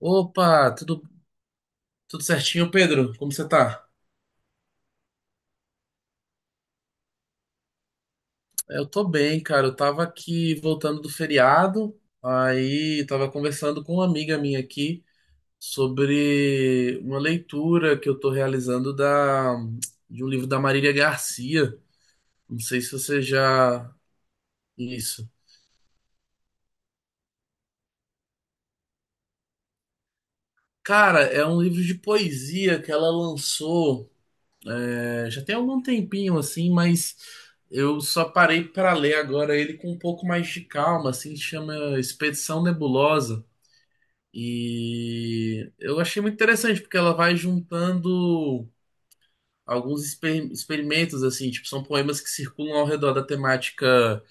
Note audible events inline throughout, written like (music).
Opa, tudo, tudo certinho, Pedro? Como você tá? Eu tô bem, cara. Eu tava aqui voltando do feriado, aí tava conversando com uma amiga minha aqui sobre uma leitura que eu tô realizando da, de um livro da Marília Garcia. Não sei se você já. Isso. Cara, é um livro de poesia que ela lançou. Já tem algum tempinho assim, mas eu só parei para ler agora ele com um pouco mais de calma, assim, chama Expedição Nebulosa. E eu achei muito interessante porque ela vai juntando experimentos assim, tipo, são poemas que circulam ao redor da temática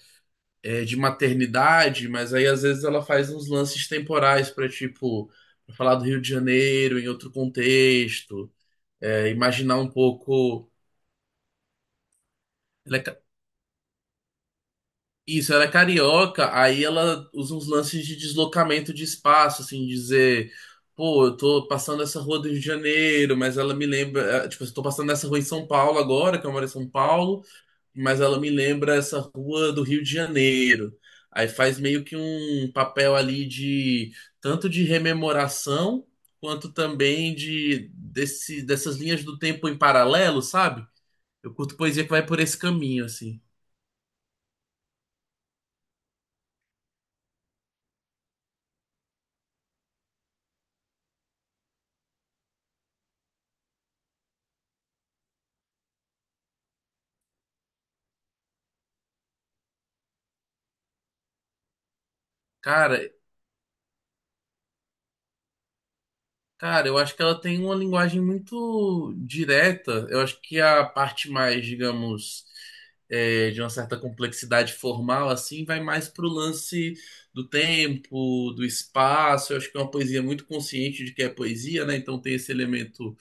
de maternidade, mas aí às vezes ela faz uns lances temporais para pra falar do Rio de Janeiro em outro contexto, imaginar um pouco. Isso, ela é carioca, aí ela usa uns lances de deslocamento de espaço, assim, dizer, pô, eu tô passando essa rua do Rio de Janeiro, mas ela me lembra, tipo, eu tô passando essa rua em São Paulo agora, que eu moro em São Paulo, mas ela me lembra essa rua do Rio de Janeiro. Aí faz meio que um papel ali de tanto de rememoração, quanto também dessas linhas do tempo em paralelo, sabe? Eu curto poesia que vai por esse caminho, assim. Cara, Cara, eu acho que ela tem uma linguagem muito direta. Eu acho que a parte mais, digamos, de uma certa complexidade formal, assim, vai mais pro lance do tempo, do espaço. Eu acho que é uma poesia muito consciente de que é poesia, né? Então tem esse elemento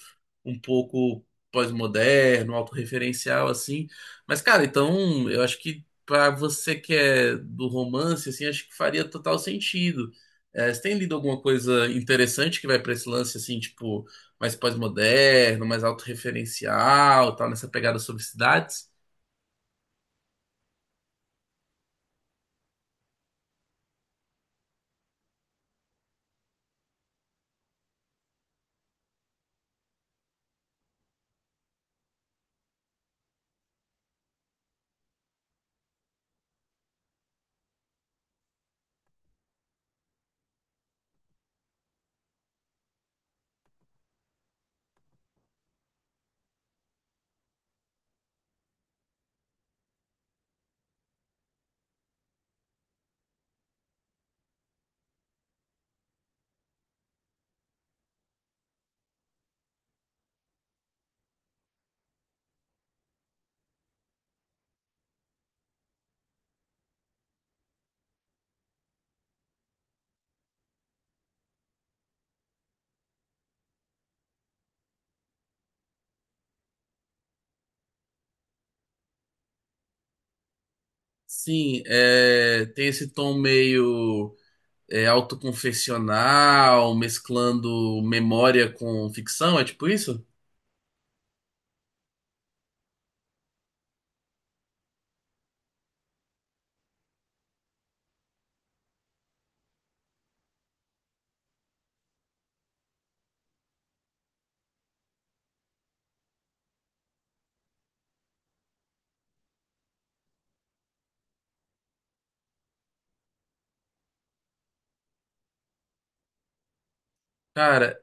um pouco pós-moderno, autorreferencial, assim. Mas, cara, então eu acho que pra você que é do romance, assim, acho que faria total sentido. É, você tem lido alguma coisa interessante que vai pra esse lance, assim, tipo, mais pós-moderno, mais autorreferencial, tal, nessa pegada sobre cidades? Sim, é, tem esse tom meio autoconfessional, mesclando memória com ficção, é tipo isso? Cara,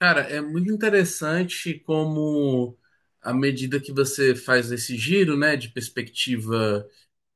Cara, é muito interessante como, à medida que você faz esse giro, né, de perspectiva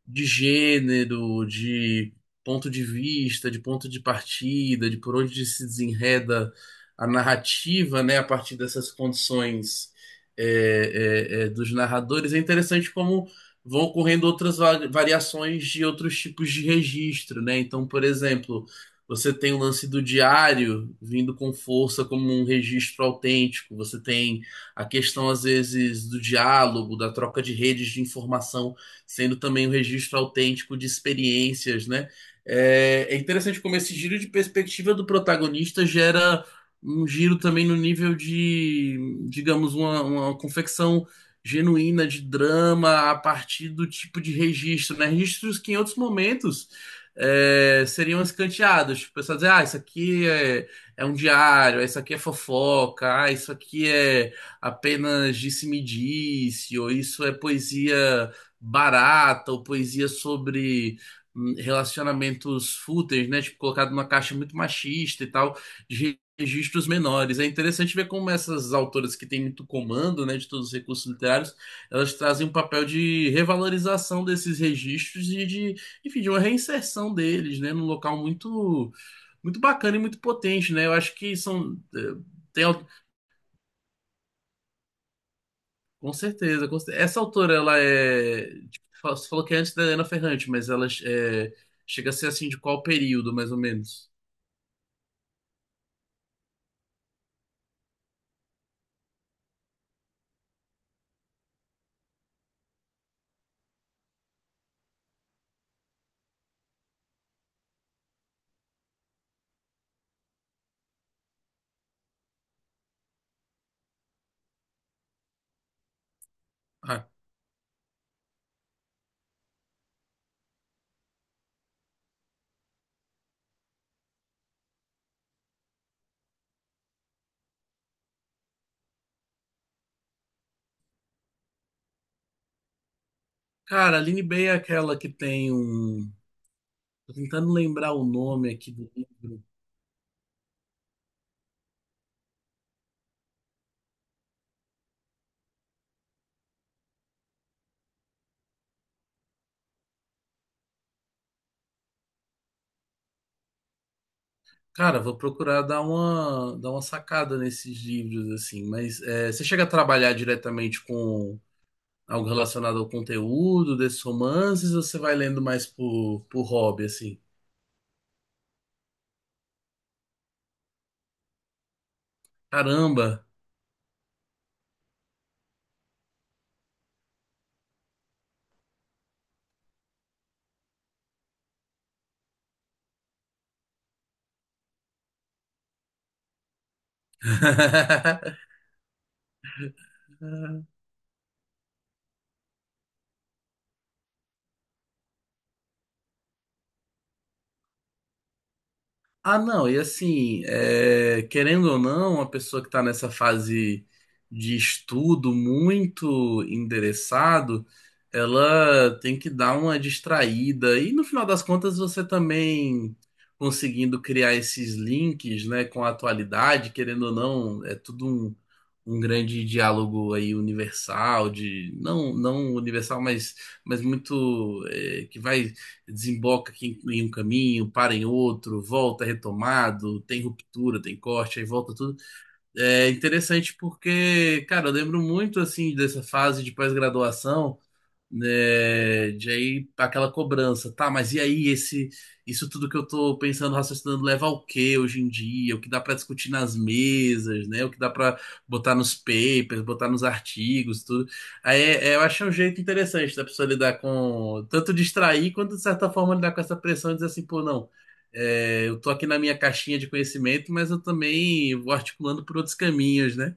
de gênero, de ponto de vista, de ponto de partida, de por onde se desenreda a narrativa, né, a partir dessas condições dos narradores, é interessante como vão ocorrendo variações de outros tipos de registro, né? Então, por exemplo, você tem o lance do diário vindo com força como um registro autêntico, você tem a questão, às vezes, do diálogo, da troca de redes de informação sendo também um registro autêntico de experiências, né? É interessante como esse giro de perspectiva do protagonista gera um giro também no nível de, digamos, uma confecção genuína de drama a partir do tipo de registro, né? Registros que em outros momentos seriam escanteados. Tipo, o pessoal dizer, ah, é um diário, ah, isso aqui é fofoca, ah, isso aqui é apenas disse-me-disse, ou isso é poesia barata ou poesia sobre relacionamentos fúteis, né? Tipo, colocado numa caixa muito machista e tal, de registros menores. É interessante ver como essas autoras que têm muito comando, né, de todos os recursos literários, elas trazem um papel de revalorização desses registros e de, enfim, de uma reinserção deles, né, num local muito bacana e muito potente, né? Eu acho que são eh, tem com certeza, essa autora, ela é. Tipo, fa- você falou que é antes da Helena Ferrante, mas ela é, chega a ser assim de qual período, mais ou menos? Ah, cara, a Aline Bay é aquela que tem um. Tô tentando lembrar o nome aqui do livro. Cara, vou procurar dar uma sacada nesses livros, assim. Mas é, você chega a trabalhar diretamente com algo relacionado ao conteúdo desses romances ou você vai lendo mais por hobby, assim? Caramba! (laughs) Ah, não, e assim, é, querendo ou não, a pessoa que está nessa fase de estudo muito endereçado, ela tem que dar uma distraída. E no final das contas, você também conseguindo criar esses links, né, com a atualidade, querendo ou não, é tudo um, um grande diálogo aí universal, de não, não universal, mas muito, é, que vai desemboca aqui em um caminho, para em outro, volta retomado, tem ruptura, tem corte, aí volta tudo. É interessante porque, cara, eu lembro muito assim dessa fase de pós-graduação, né, de aí aquela cobrança, tá, mas e aí esse isso tudo que eu tô pensando, raciocinando, leva ao quê hoje em dia? O que dá pra discutir nas mesas, né? O que dá pra botar nos papers, botar nos artigos, tudo. Eu acho um jeito interessante da pessoa lidar com tanto distrair quanto de certa forma lidar com essa pressão e dizer assim, pô, não, é, eu tô aqui na minha caixinha de conhecimento, mas eu também vou articulando por outros caminhos, né?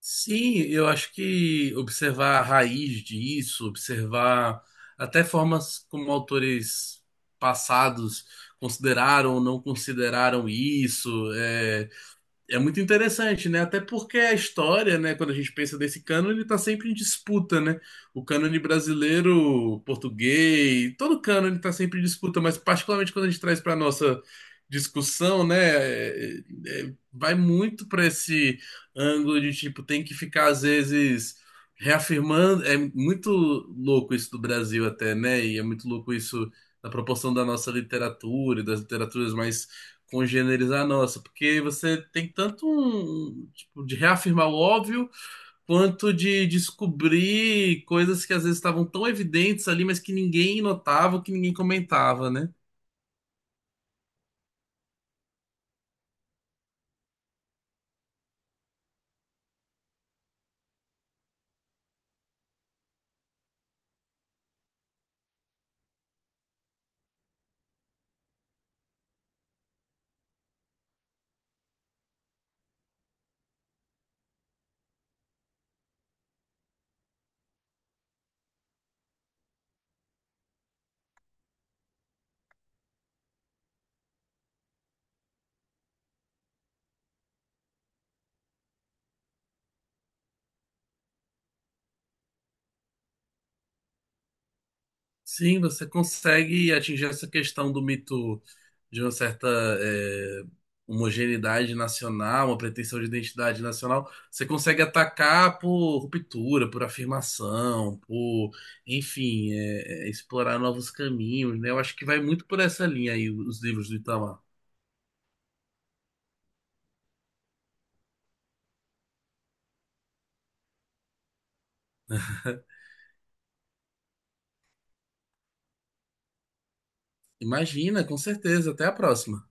Sim, eu acho que observar a raiz disso, observar até formas como autores passados consideraram ou não consideraram isso, é muito interessante, né? Até porque a história, né, quando a gente pensa desse cânone, está sempre em disputa, né? O cânone brasileiro, português, todo cânone está sempre em disputa, mas particularmente quando a gente traz para nossa discussão, né, vai muito para esse ângulo de tipo, tem que ficar às vezes reafirmando. É muito louco isso do Brasil até, né? E é muito louco isso na proporção da nossa literatura e das literaturas mais congenerizar a nossa, porque você tem tanto um, tipo, de reafirmar o óbvio, quanto de descobrir coisas que às vezes estavam tão evidentes ali, mas que ninguém notava, que ninguém comentava, né? Sim, você consegue atingir essa questão do mito de uma certa eh, homogeneidade nacional, uma pretensão de identidade nacional. Você consegue atacar por ruptura, por afirmação, por, enfim, explorar novos caminhos, né? Eu acho que vai muito por essa linha aí os livros do Itamar. Imagina, com certeza. Até a próxima.